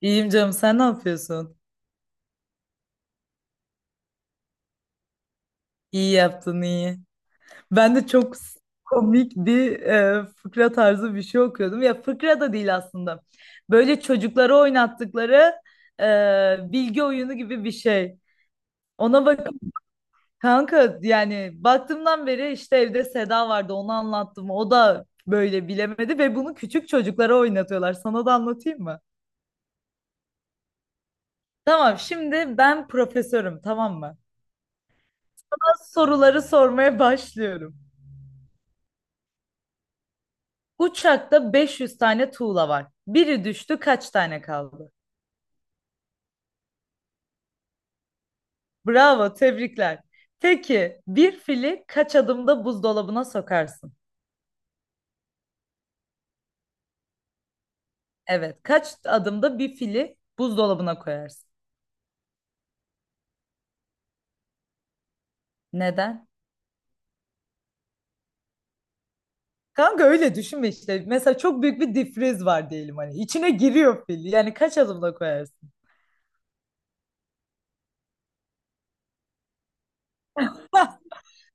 İyiyim canım, sen ne yapıyorsun? İyi yaptın, iyi. Ben de çok komik bir fıkra tarzı bir şey okuyordum. Ya fıkra da değil aslında. Böyle çocuklara oynattıkları bilgi oyunu gibi bir şey. Ona bak kanka, yani baktığımdan beri işte evde Seda vardı, onu anlattım. O da böyle bilemedi ve bunu küçük çocuklara oynatıyorlar. Sana da anlatayım mı? Tamam, şimdi ben profesörüm, tamam mı? Soruları sormaya başlıyorum. Uçakta 500 tane tuğla var. Biri düştü, kaç tane kaldı? Bravo, tebrikler. Peki bir fili kaç adımda buzdolabına sokarsın? Evet, kaç adımda bir fili buzdolabına koyarsın? Neden? Kanka öyle düşünme işte. Mesela çok büyük bir difriz var diyelim hani. İçine giriyor fil. Yani kaç adımda koyarsın?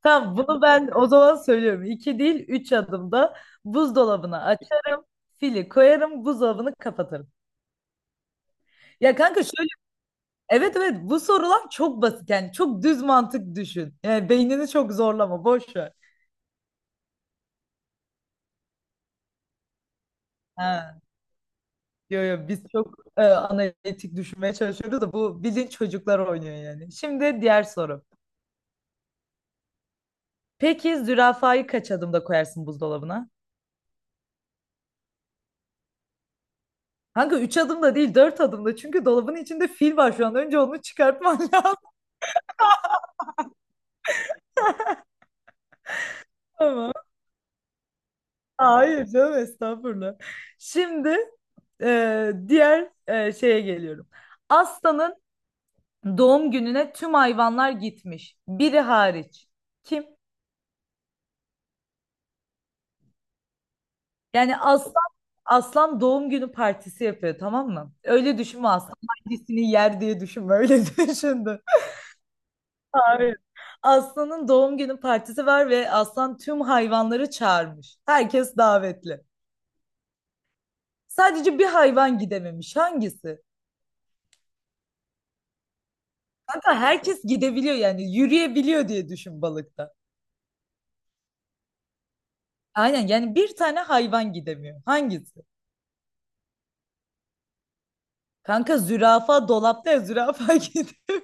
Tamam, bunu ben o zaman söylüyorum. İki değil, üç adımda buzdolabına açarım. Fili koyarım, buzdolabını kapatırım. Ya kanka, evet evet, bu sorular çok basit, yani çok düz mantık düşün. Yani beynini çok zorlama, boş ver. Ha, yo, yo, biz çok analitik düşünmeye çalışıyoruz da bu bilin çocuklar oynuyor yani. Şimdi diğer soru. Peki zürafayı kaç adımda koyarsın buzdolabına? Kanka 3 adımda değil, 4 adımda, çünkü dolabın içinde fil var şu an. Önce onu çıkartman lazım ama. Hayır canım, estağfurullah. Şimdi diğer şeye geliyorum. Aslanın doğum gününe tüm hayvanlar gitmiş. Biri hariç. Kim? Yani aslan, aslan doğum günü partisi yapıyor, tamam mı? Öyle düşünme, aslan hangisini yer diye düşünme, öyle düşündüm. Hayır. Aslan'ın doğum günü partisi var ve aslan tüm hayvanları çağırmış. Herkes davetli. Sadece bir hayvan gidememiş. Hangisi? Kanka herkes gidebiliyor yani yürüyebiliyor diye düşün, balıkta. Aynen, yani bir tane hayvan gidemiyor. Hangisi? Kanka zürafa dolapta ya, zürafa gidiyor.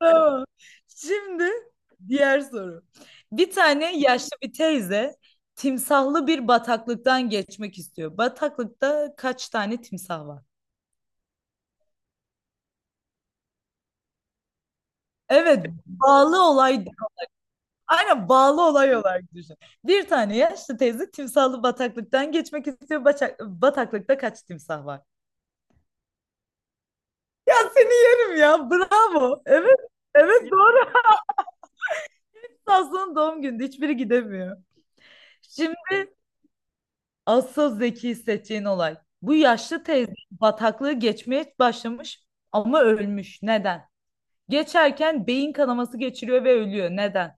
Tamam. Şimdi diğer soru. Bir tane yaşlı bir teyze timsahlı bir bataklıktan geçmek istiyor. Bataklıkta kaç tane timsah var? Evet, bağlı olay. Aynen, bağlı olay olarak düşün. Bir tane yaşlı teyze timsahlı bataklıktan geçmek istiyor. Bataklıkta kaç timsah var? Ya seni yerim ya. Bravo. Evet. Evet doğru. Aslında doğum günü, hiçbiri gidemiyor. Şimdi asıl zeki hissedeceğin olay. Bu yaşlı teyze bataklığı geçmeye başlamış ama ölmüş. Neden? Geçerken beyin kanaması geçiriyor ve ölüyor. Neden?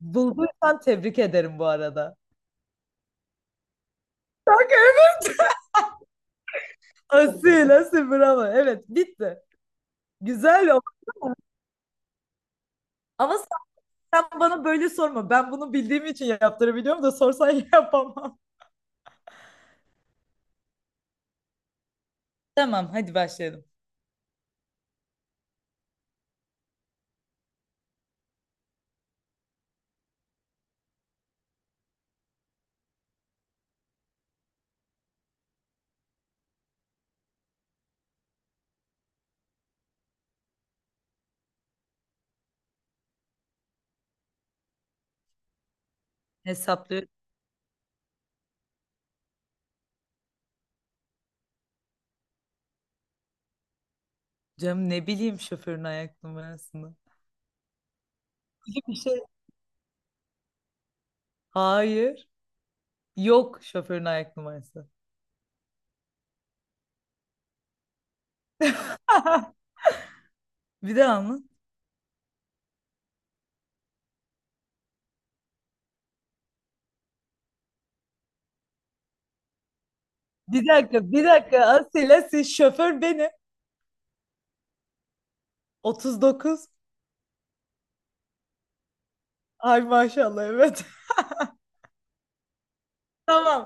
Bulduysan tebrik ederim bu arada. Asil, asil bravo. Evet, bitti. Güzel o. Ama sen bana böyle sorma. Ben bunu bildiğim için yaptırabiliyorum da sorsan yapamam. Tamam, hadi başlayalım. Hesaplıyorum. Canım, ne bileyim şoförün ayak numarasını. Bir şey. Hayır. Yok, şoförün ayak numarası. Bir daha mı? Bir dakika. Asila, siz şoför benim. 39. Ay maşallah, evet. Tamam.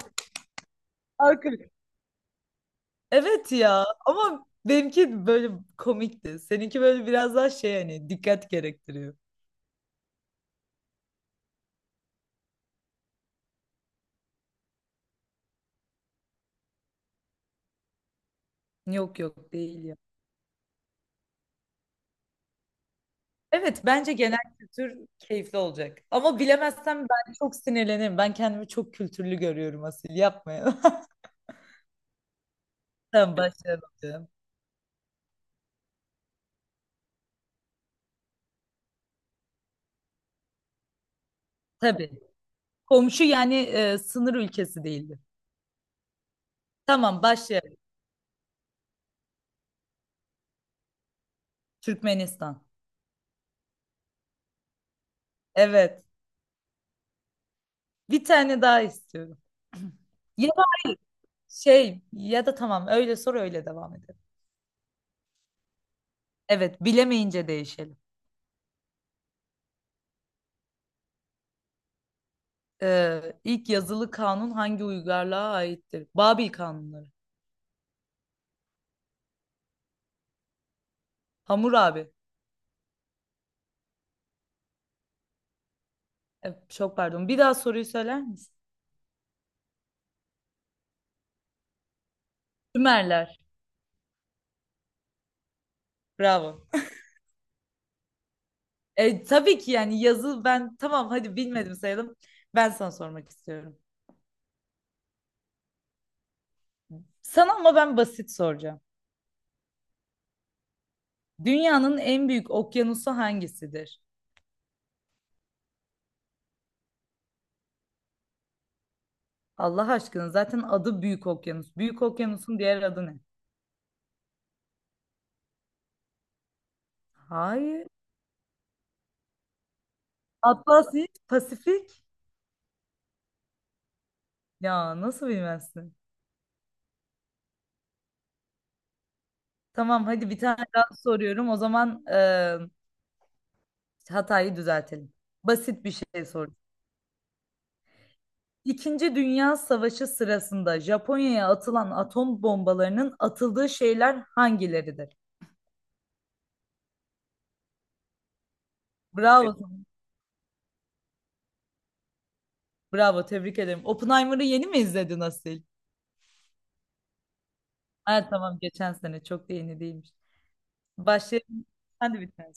Arkadaş. Evet ya, ama benimki böyle komikti. Seninki böyle biraz daha şey, hani dikkat gerektiriyor. Yok yok, değil ya. Evet, bence genel kültür keyifli olacak. Ama bilemezsem ben çok sinirlenirim. Ben kendimi çok kültürlü görüyorum Asil. Yapmayın. Tamam, başlayalım canım. Tabii. Komşu yani sınır ülkesi değildi. Tamam, başlayalım. Türkmenistan. Evet. Bir tane daha istiyorum. Ya da hayır, şey, ya da tamam, öyle sor, öyle devam edelim. Evet, bilemeyince değişelim. İlk yazılı kanun hangi uygarlığa aittir? Babil kanunları. Hammurabi. E, çok pardon. Bir daha soruyu söyler misin? Sümerler. Bravo. E, tabii ki, yani yazı, ben tamam, hadi bilmedim sayalım. Ben sana sormak istiyorum. Sana ama ben basit soracağım. Dünyanın en büyük okyanusu hangisidir? Allah aşkına, zaten adı Büyük Okyanus. Büyük Okyanus'un diğer adı ne? Hayır. Atlasya, Pasifik. Ya nasıl bilmezsin? Tamam, hadi bir tane daha soruyorum. O zaman hatayı düzeltelim. Basit bir şey sorayım. İkinci Dünya Savaşı sırasında Japonya'ya atılan atom bombalarının atıldığı şehirler hangileridir? Bravo, bravo tebrik ederim. Oppenheimer'ı yeni mi izledin Asil? Ha, tamam, geçen sene çok da yeni değilmiş. Başlayalım. Hadi bir tane.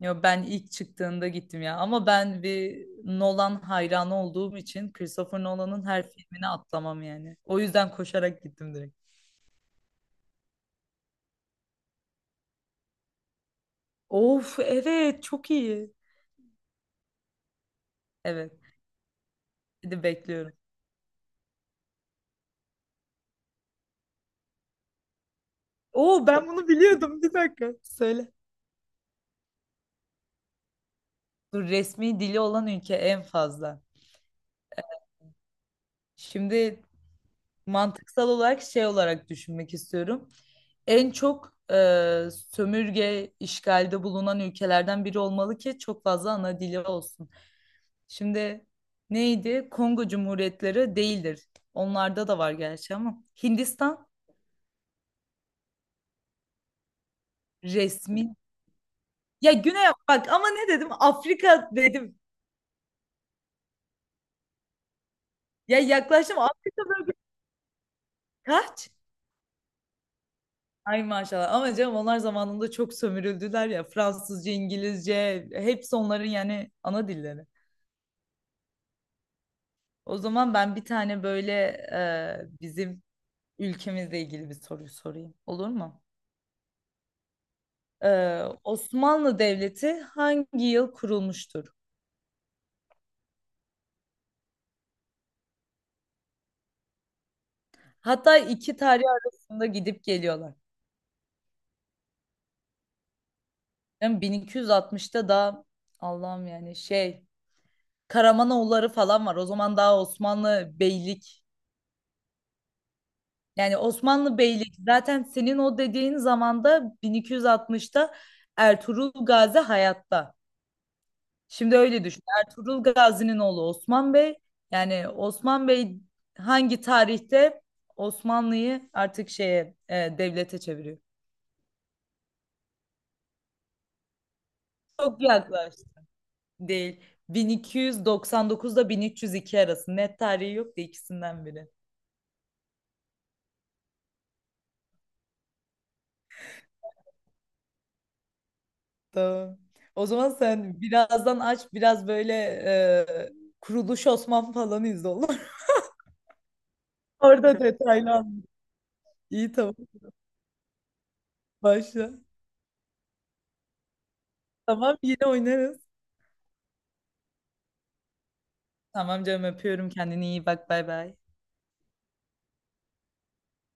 Yo, ben ilk çıktığında gittim ya. Ama ben bir Nolan hayranı olduğum için Christopher Nolan'ın her filmini atlamam yani. O yüzden koşarak gittim direkt. Of evet, çok iyi. Evet. Hadi bekliyorum. Oo, ben bunu biliyordum. Bir dakika, söyle. Dur, resmi dili olan ülke en fazla. Şimdi mantıksal olarak şey olarak düşünmek istiyorum. En çok sömürge işgalde bulunan ülkelerden biri olmalı ki çok fazla ana dili olsun. Şimdi neydi? Kongo Cumhuriyetleri değildir. Onlarda da var gerçi ama. Hindistan resmi. Ya Güney, bak ama ne dedim? Afrika dedim. Ya yaklaştım, Afrika bölgesi kaç? Ay maşallah, ama canım onlar zamanında çok sömürüldüler ya. Fransızca, İngilizce hepsi onların yani ana dilleri. O zaman ben bir tane böyle bizim ülkemizle ilgili bir soru sorayım. Olur mu? Osmanlı Devleti hangi yıl kurulmuştur? Hatta iki tarih arasında gidip geliyorlar. Yani 1260'ta da, Allah'ım yani şey, Karamanoğulları falan var. O zaman daha Osmanlı beylik. Yani Osmanlı beylik zaten senin o dediğin zamanda, 1260'ta Ertuğrul Gazi hayatta. Şimdi öyle düşün. Ertuğrul Gazi'nin oğlu Osman Bey. Yani Osman Bey hangi tarihte Osmanlı'yı artık şeye devlete çeviriyor? Çok yaklaştı. Değil. 1299'da 1302 arası. Net tarihi yok da ikisinden biri. Tamam. O zaman sen birazdan aç biraz böyle e, Kuruluş Osman falan izle, olur. Orada detaylı anlat. İyi, tamam, başla. Tamam, yine oynarız. Tamam canım, öpüyorum, kendine iyi bak, bay bay.